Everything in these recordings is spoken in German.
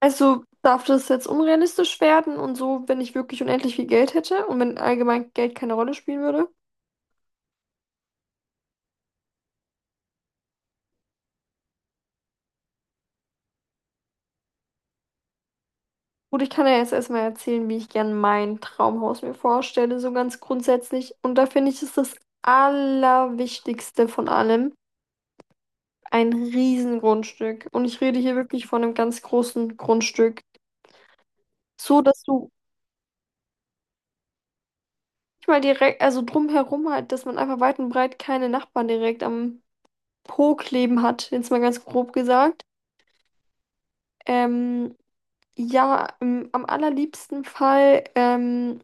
Also darf das jetzt unrealistisch werden und so, wenn ich wirklich unendlich viel Geld hätte und wenn allgemein Geld keine Rolle spielen würde? Gut, ich kann ja jetzt erstmal erzählen, wie ich gern mein Traumhaus mir vorstelle, so ganz grundsätzlich. Und da finde ich, ist das Allerwichtigste von allem ein Riesengrundstück. Und ich rede hier wirklich von einem ganz großen Grundstück. So, dass du nicht mal direkt, also drumherum halt, dass man einfach weit und breit keine Nachbarn direkt am Po kleben hat, jetzt mal ganz grob gesagt. Ähm, Ja, am allerliebsten Fall,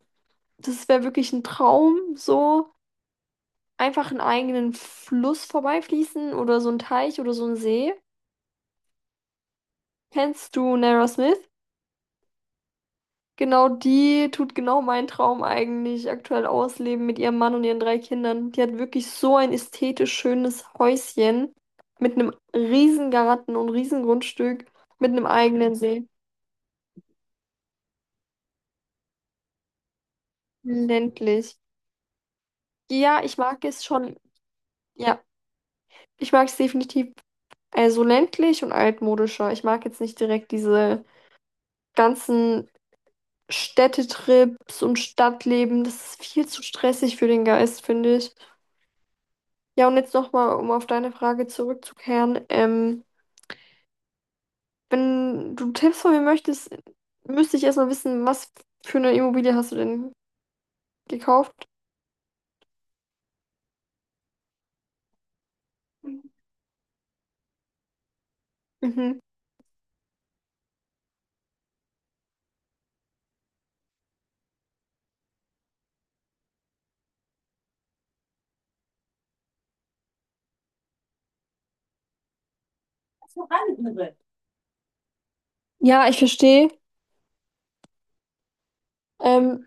das wäre wirklich ein Traum, so einfach einen eigenen Fluss vorbeifließen oder so ein Teich oder so ein See. Kennst du Nara Smith? Genau, die tut genau meinen Traum eigentlich aktuell ausleben mit ihrem Mann und ihren drei Kindern. Die hat wirklich so ein ästhetisch schönes Häuschen mit einem riesen Garten und riesen Grundstück mit einem eigenen See. Ländlich. Ja, ich mag es schon. Ja, ich mag es definitiv. Also ländlich und altmodischer. Ich mag jetzt nicht direkt diese ganzen Städtetrips und Stadtleben. Das ist viel zu stressig für den Geist, finde ich. Ja, und jetzt nochmal, um auf deine Frage zurückzukehren. Wenn du Tipps von mir möchtest, müsste ich erstmal wissen, was für eine Immobilie hast du denn gekauft? Mhm. Ja, ich verstehe. Ähm,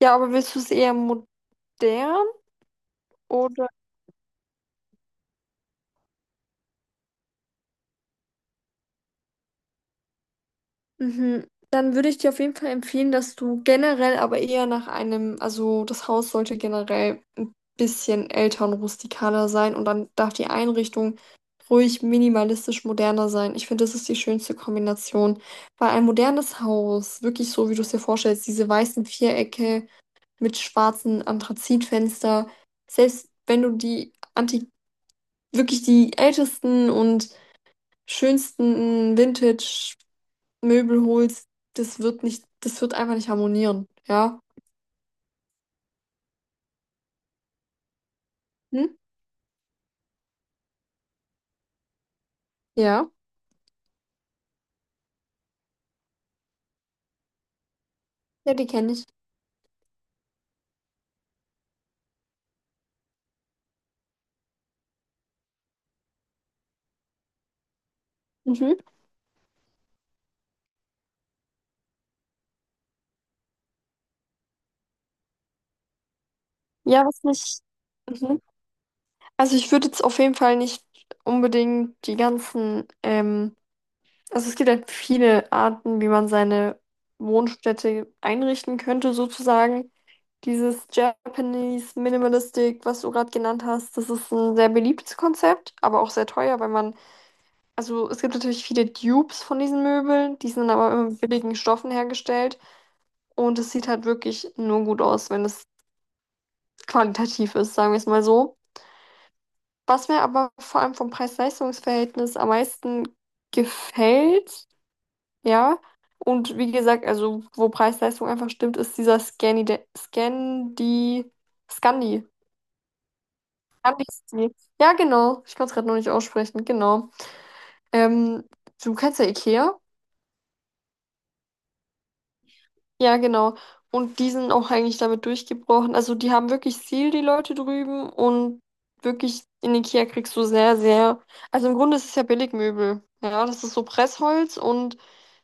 ja, aber willst du es eher modern, oder? Mhm. Dann würde ich dir auf jeden Fall empfehlen, dass du generell aber eher nach einem, also das Haus sollte generell ein bisschen älter und rustikaler sein und dann darf die Einrichtung ruhig minimalistisch moderner sein. Ich finde, das ist die schönste Kombination, weil ein modernes Haus, wirklich so, wie du es dir vorstellst, diese weißen Vierecke mit schwarzen Anthrazitfenster, selbst wenn du die anti, wirklich die ältesten und schönsten Möbel holst, das wird nicht, das wird einfach nicht harmonieren, ja? Hm? Ja, ja, die kenne ich. Mhm. Ja, was nicht. Mhm. Also ich würde jetzt auf jeden Fall nicht unbedingt die ganzen, also es gibt halt viele Arten, wie man seine Wohnstätte einrichten könnte, sozusagen. Dieses Japanese Minimalistic, was du gerade genannt hast, das ist ein sehr beliebtes Konzept, aber auch sehr teuer, weil man... Also es gibt natürlich viele Dupes von diesen Möbeln, die sind aber immer mit billigen Stoffen hergestellt und es sieht halt wirklich nur gut aus, wenn es qualitativ ist, sagen wir es mal so. Was mir aber vor allem vom Preis-Leistungs-Verhältnis am meisten gefällt, ja, und wie gesagt, also wo Preis-Leistung einfach stimmt, ist dieser Scandi, Scandi-Stil. Ja, genau, ich kann es gerade noch nicht aussprechen, genau. Ähm, du kennst ja IKEA? Ja, genau. Und die sind auch eigentlich damit durchgebrochen. Also die haben wirklich Ziel, die Leute drüben. Und wirklich in Ikea kriegst du sehr, sehr... Also im Grunde ist es ja Billigmöbel. Ja, das ist so Pressholz und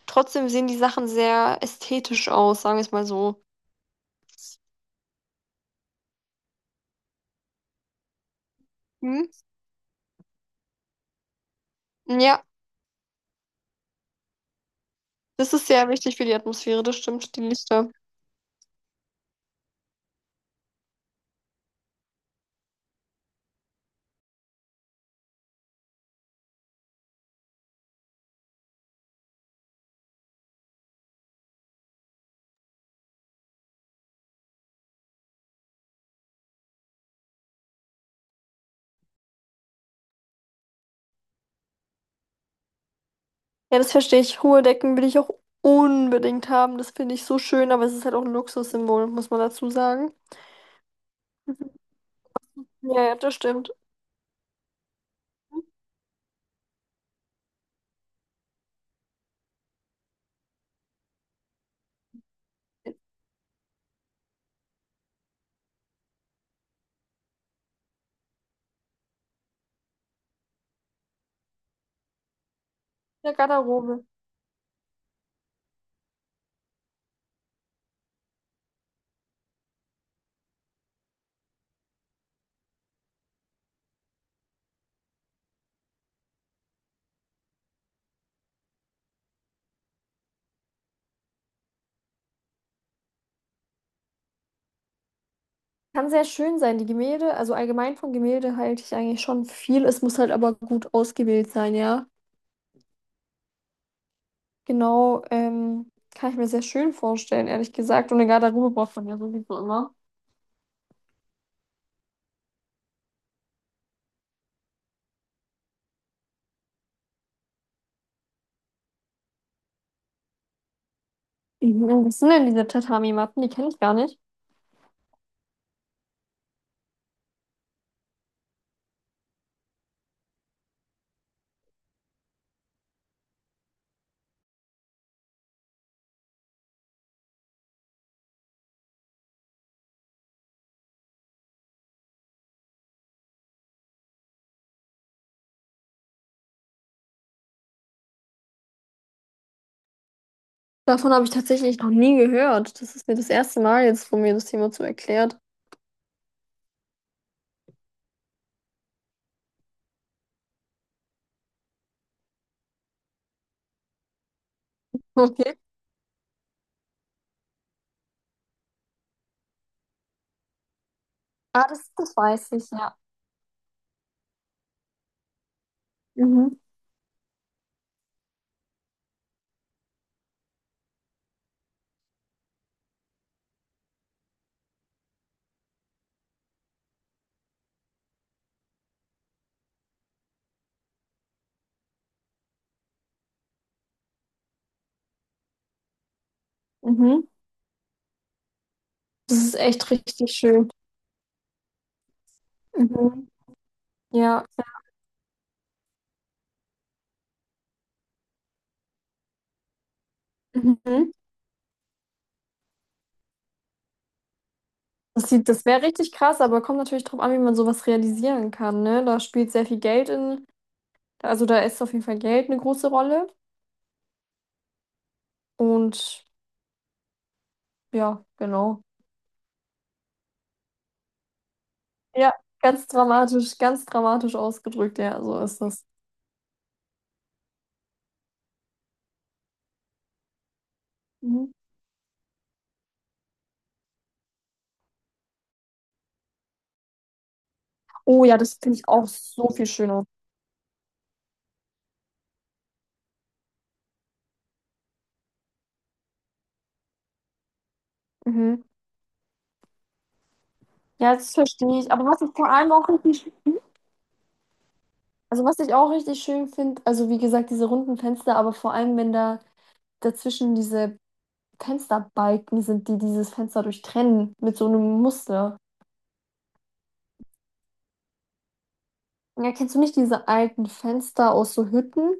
trotzdem sehen die Sachen sehr ästhetisch aus, sagen wir es mal so. Hm? Ja, das ist sehr wichtig für die Atmosphäre, das stimmt, die Lichter. Ja, das verstehe ich. Hohe Decken will ich auch unbedingt haben. Das finde ich so schön, aber es ist halt auch ein Luxussymbol, muss man dazu sagen. Ja, ja, das stimmt. In der Garderobe. Kann sehr schön sein, die Gemälde. Also allgemein von Gemälde halte ich eigentlich schon viel. Es muss halt aber gut ausgewählt sein, ja. Genau, kann ich mir sehr schön vorstellen, ehrlich gesagt. Und eine Garderobe braucht man ja sowieso immer. Mhm. Was sind denn diese Tatami-Matten? Die kenne ich gar nicht. Davon habe ich tatsächlich noch nie gehört. Das ist mir das erste Mal jetzt, wo mir das jemand so erklärt. Okay. Ah, das, das weiß ich, ja. Mhm. Mhm. Das ist echt richtig schön. Mhm. Ja. Mhm. Das sieht, das wäre richtig krass, aber kommt natürlich drauf an, wie man sowas realisieren kann, ne? Da spielt sehr viel Geld in, also da ist auf jeden Fall Geld eine große Rolle. Und ja, genau. Ja, ganz dramatisch ausgedrückt, ja, so ist das. Mhm. Oh ja, das finde ich auch so viel schöner. Mhm. Ja, das verstehe ich. Aber was ich vor allem auch richtig, also was ich auch richtig schön finde, also wie gesagt, diese runden Fenster, aber vor allem, wenn da dazwischen diese Fensterbalken sind, die dieses Fenster durchtrennen mit so einem Muster. Ja, kennst du nicht diese alten Fenster aus so Hütten?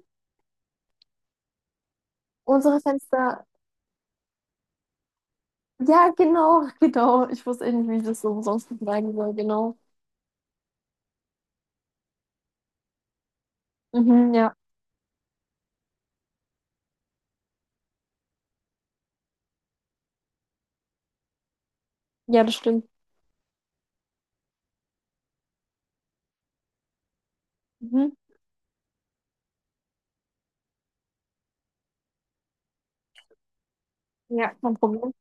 Unsere Fenster. Ja, genau, genau. Ich wusste eh nicht, wie ich das so sonst sagen soll, genau. Mhm, ja. Ja, das stimmt. Mhm. Ja, kein Problem.